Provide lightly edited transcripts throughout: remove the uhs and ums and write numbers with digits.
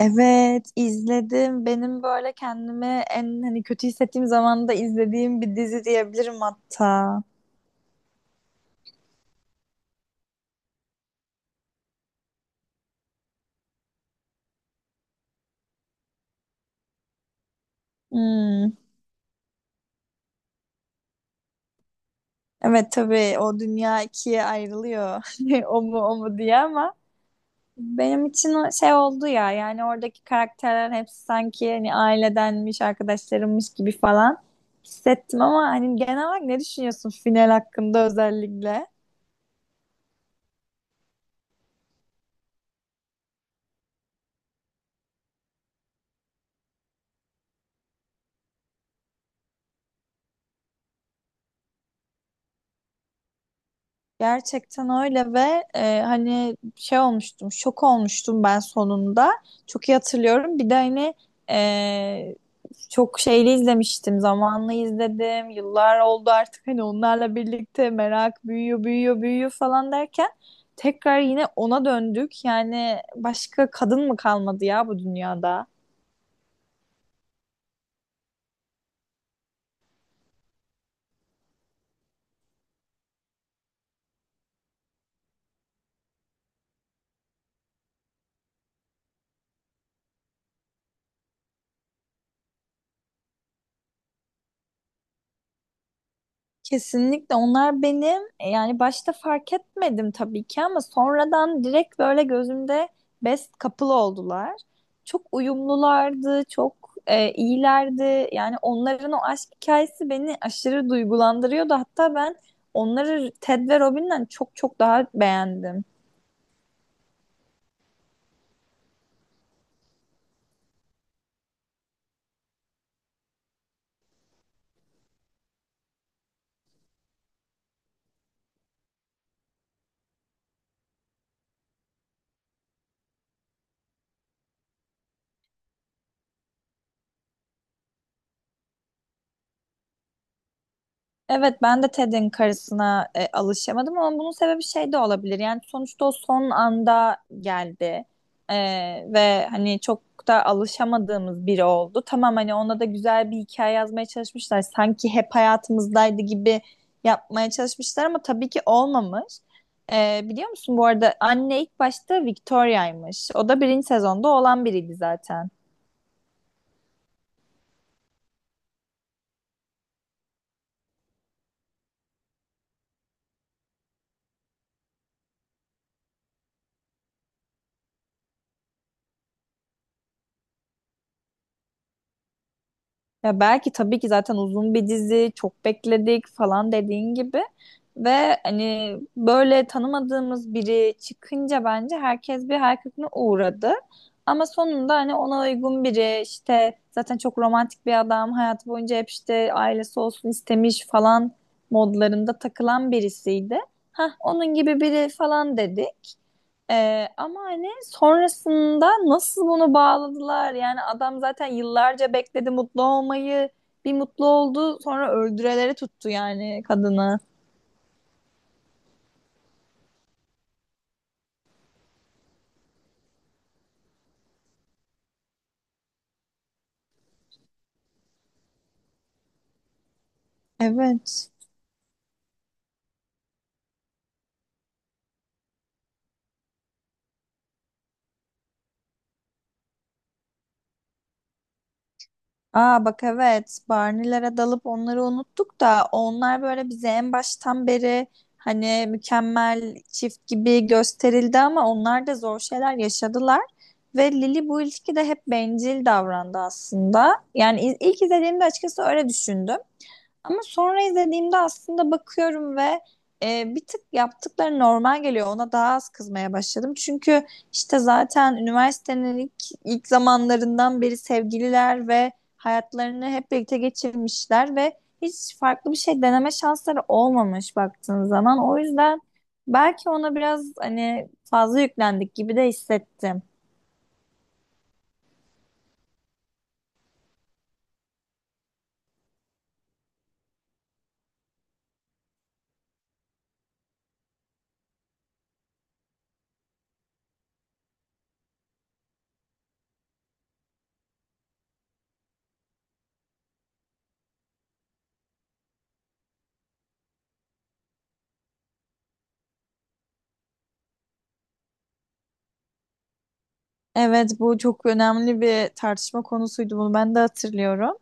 Evet, izledim. Benim böyle kendimi en hani kötü hissettiğim zaman da izlediğim bir dizi diyebilirim hatta. Hmm. Evet tabii o dünya ikiye ayrılıyor. O mu o mu diye ama benim için o şey oldu ya yani oradaki karakterler hepsi sanki hani ailedenmiş, arkadaşlarımmış gibi falan hissettim ama hani genel olarak ne düşünüyorsun final hakkında özellikle? Gerçekten öyle ve hani şey olmuştum, şok olmuştum ben sonunda. Çok iyi hatırlıyorum. Bir de hani e, çok şeyli izlemiştim, zamanlı izledim. Yıllar oldu artık hani onlarla birlikte merak büyüyor, büyüyor, büyüyor falan derken tekrar yine ona döndük. Yani başka kadın mı kalmadı ya bu dünyada? Kesinlikle onlar benim yani başta fark etmedim tabii ki ama sonradan direkt böyle gözümde best couple oldular. Çok uyumlulardı, çok iyilerdi. Yani onların o aşk hikayesi beni aşırı duygulandırıyordu. Hatta ben onları Ted ve Robin'den çok çok daha beğendim. Evet ben de Ted'in karısına alışamadım ama bunun sebebi şey de olabilir. Yani sonuçta o son anda geldi. E, Ve hani çok da alışamadığımız biri oldu. Tamam hani ona da güzel bir hikaye yazmaya çalışmışlar. Sanki hep hayatımızdaydı gibi yapmaya çalışmışlar ama tabii ki olmamış. Biliyor musun bu arada anne ilk başta Victoria'ymış. O da birinci sezonda olan biriydi zaten. Ya belki tabii ki zaten uzun bir dizi, çok bekledik falan dediğin gibi ve hani böyle tanımadığımız biri çıkınca bence herkes bir hayal kırıklığına uğradı. Ama sonunda hani ona uygun biri işte zaten çok romantik bir adam hayatı boyunca hep işte ailesi olsun istemiş falan modlarında takılan birisiydi. Hah onun gibi biri falan dedi. Ama hani sonrasında nasıl bunu bağladılar? Yani adam zaten yıllarca bekledi mutlu olmayı. Bir mutlu oldu, sonra öldüreleri tuttu yani kadını. Evet. Aa bak evet. Barney'lere dalıp onları unuttuk da onlar böyle bize en baştan beri hani mükemmel çift gibi gösterildi ama onlar da zor şeyler yaşadılar. Ve Lily bu ilişkide hep bencil davrandı aslında. Yani ilk izlediğimde açıkçası öyle düşündüm. Ama sonra izlediğimde aslında bakıyorum ve bir tık yaptıkları normal geliyor. Ona daha az kızmaya başladım. Çünkü işte zaten üniversitenin ilk zamanlarından beri sevgililer ve hayatlarını hep birlikte geçirmişler ve hiç farklı bir şey deneme şansları olmamış baktığın zaman. O yüzden belki ona biraz hani fazla yüklendik gibi de hissettim. Evet, bu çok önemli bir tartışma konusuydu. Bunu ben de hatırlıyorum.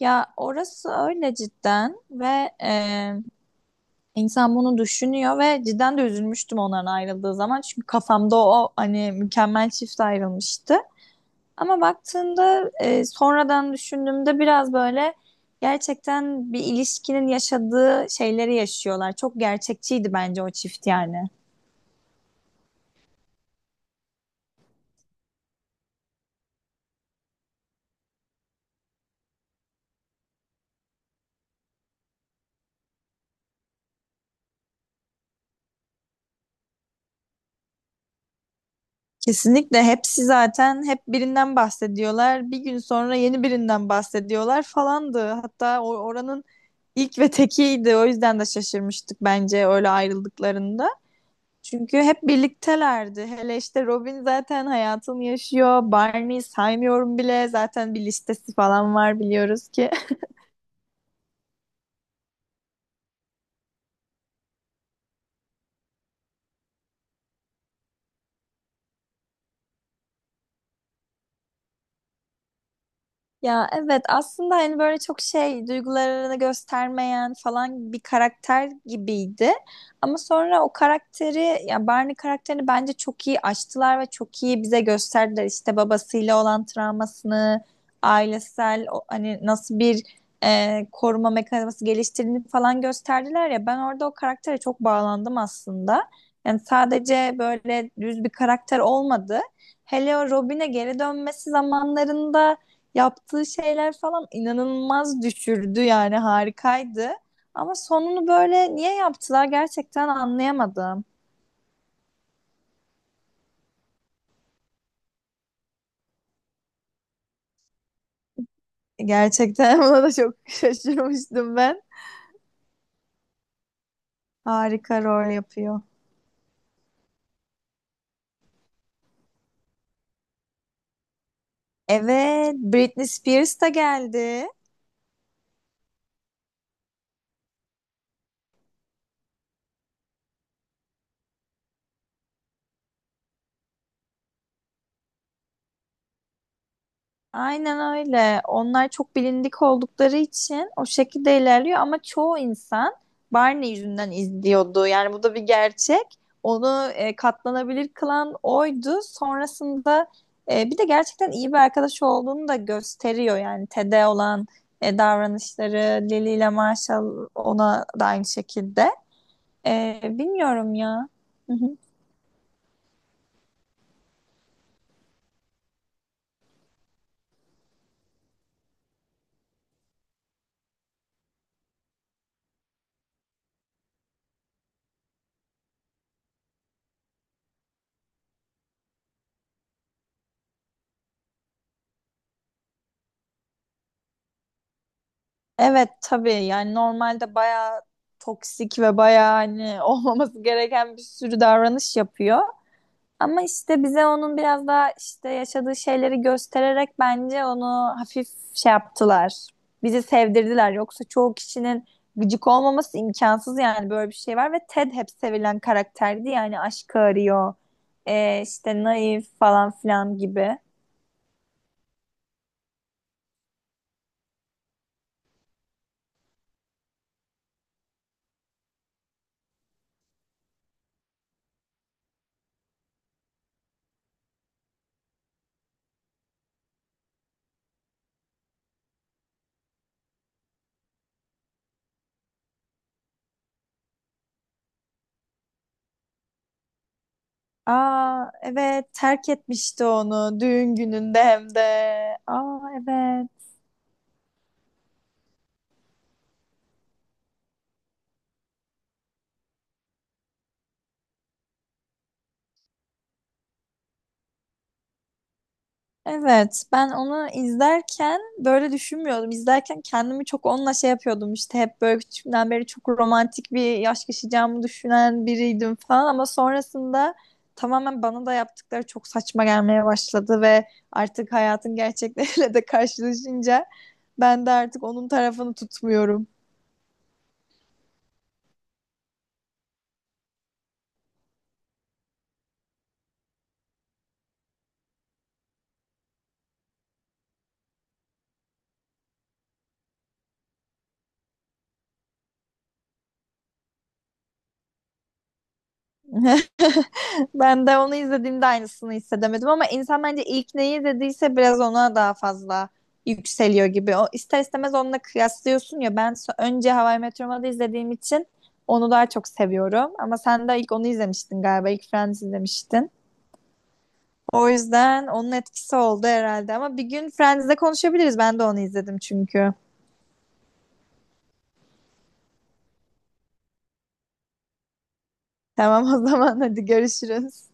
Ya orası öyle cidden ve insan bunu düşünüyor ve cidden de üzülmüştüm onların ayrıldığı zaman. Çünkü kafamda o hani mükemmel çift ayrılmıştı. Ama baktığında sonradan düşündüğümde biraz böyle gerçekten bir ilişkinin yaşadığı şeyleri yaşıyorlar. Çok gerçekçiydi bence o çift yani. Kesinlikle hepsi zaten hep birinden bahsediyorlar. Bir gün sonra yeni birinden bahsediyorlar falandı. Hatta oranın İlk ve tekiydi. O yüzden de şaşırmıştık bence öyle ayrıldıklarında. Çünkü hep birliktelerdi. Hele işte Robin zaten hayatını yaşıyor. Barney'i saymıyorum bile. Zaten bir listesi falan var biliyoruz ki. Ya evet aslında hani böyle çok şey duygularını göstermeyen falan bir karakter gibiydi. Ama sonra o karakteri ya Barney karakterini bence çok iyi açtılar ve çok iyi bize gösterdiler. İşte babasıyla olan travmasını, ailesel hani nasıl bir koruma mekanizması geliştirdiğini falan gösterdiler ya. Ben orada o karaktere çok bağlandım aslında. Yani sadece böyle düz bir karakter olmadı. Hele o Robin'e geri dönmesi zamanlarında yaptığı şeyler falan inanılmaz düşürdü yani harikaydı. Ama sonunu böyle niye yaptılar gerçekten anlayamadım. Gerçekten buna da çok şaşırmıştım ben. Harika rol yapıyor. Evet, Britney Spears da geldi. Aynen öyle. Onlar çok bilindik oldukları için o şekilde ilerliyor ama çoğu insan Barney yüzünden izliyordu. Yani bu da bir gerçek. Onu katlanabilir kılan oydu. Sonrasında bir de gerçekten iyi bir arkadaş olduğunu da gösteriyor. Yani Ted'e olan davranışları, Lily ile Marshall ona da aynı şekilde. Bilmiyorum ya. Evet tabii yani normalde bayağı toksik ve bayağı hani olmaması gereken bir sürü davranış yapıyor. Ama işte bize onun biraz daha işte yaşadığı şeyleri göstererek bence onu hafif şey yaptılar. Bizi sevdirdiler. Yoksa çoğu kişinin gıcık olmaması imkansız yani böyle bir şey var ve Ted hep sevilen karakterdi yani aşkı arıyor. İşte naif falan filan gibi. Aa evet terk etmişti onu düğün gününde hem de. Aa evet. Evet ben onu izlerken böyle düşünmüyordum. İzlerken kendimi çok onunla şey yapıyordum işte hep böyle küçüğümden beri çok romantik bir yaş yaşayacağımı düşünen biriydim falan ama sonrasında tamamen bana da yaptıkları çok saçma gelmeye başladı ve artık hayatın gerçekleriyle de karşılaşınca ben de artık onun tarafını tutmuyorum. Ben de onu izlediğimde aynısını hissedemedim ama insan bence ilk neyi izlediyse biraz ona daha fazla yükseliyor gibi. O ister istemez onunla kıyaslıyorsun ya. Ben önce How I Met Your Mother'ı izlediğim için onu daha çok seviyorum. Ama sen de ilk onu izlemiştin galiba. İlk Friends izlemiştin. O yüzden onun etkisi oldu herhalde. Ama bir gün Friends'de konuşabiliriz. Ben de onu izledim çünkü. Tamam o zaman hadi görüşürüz.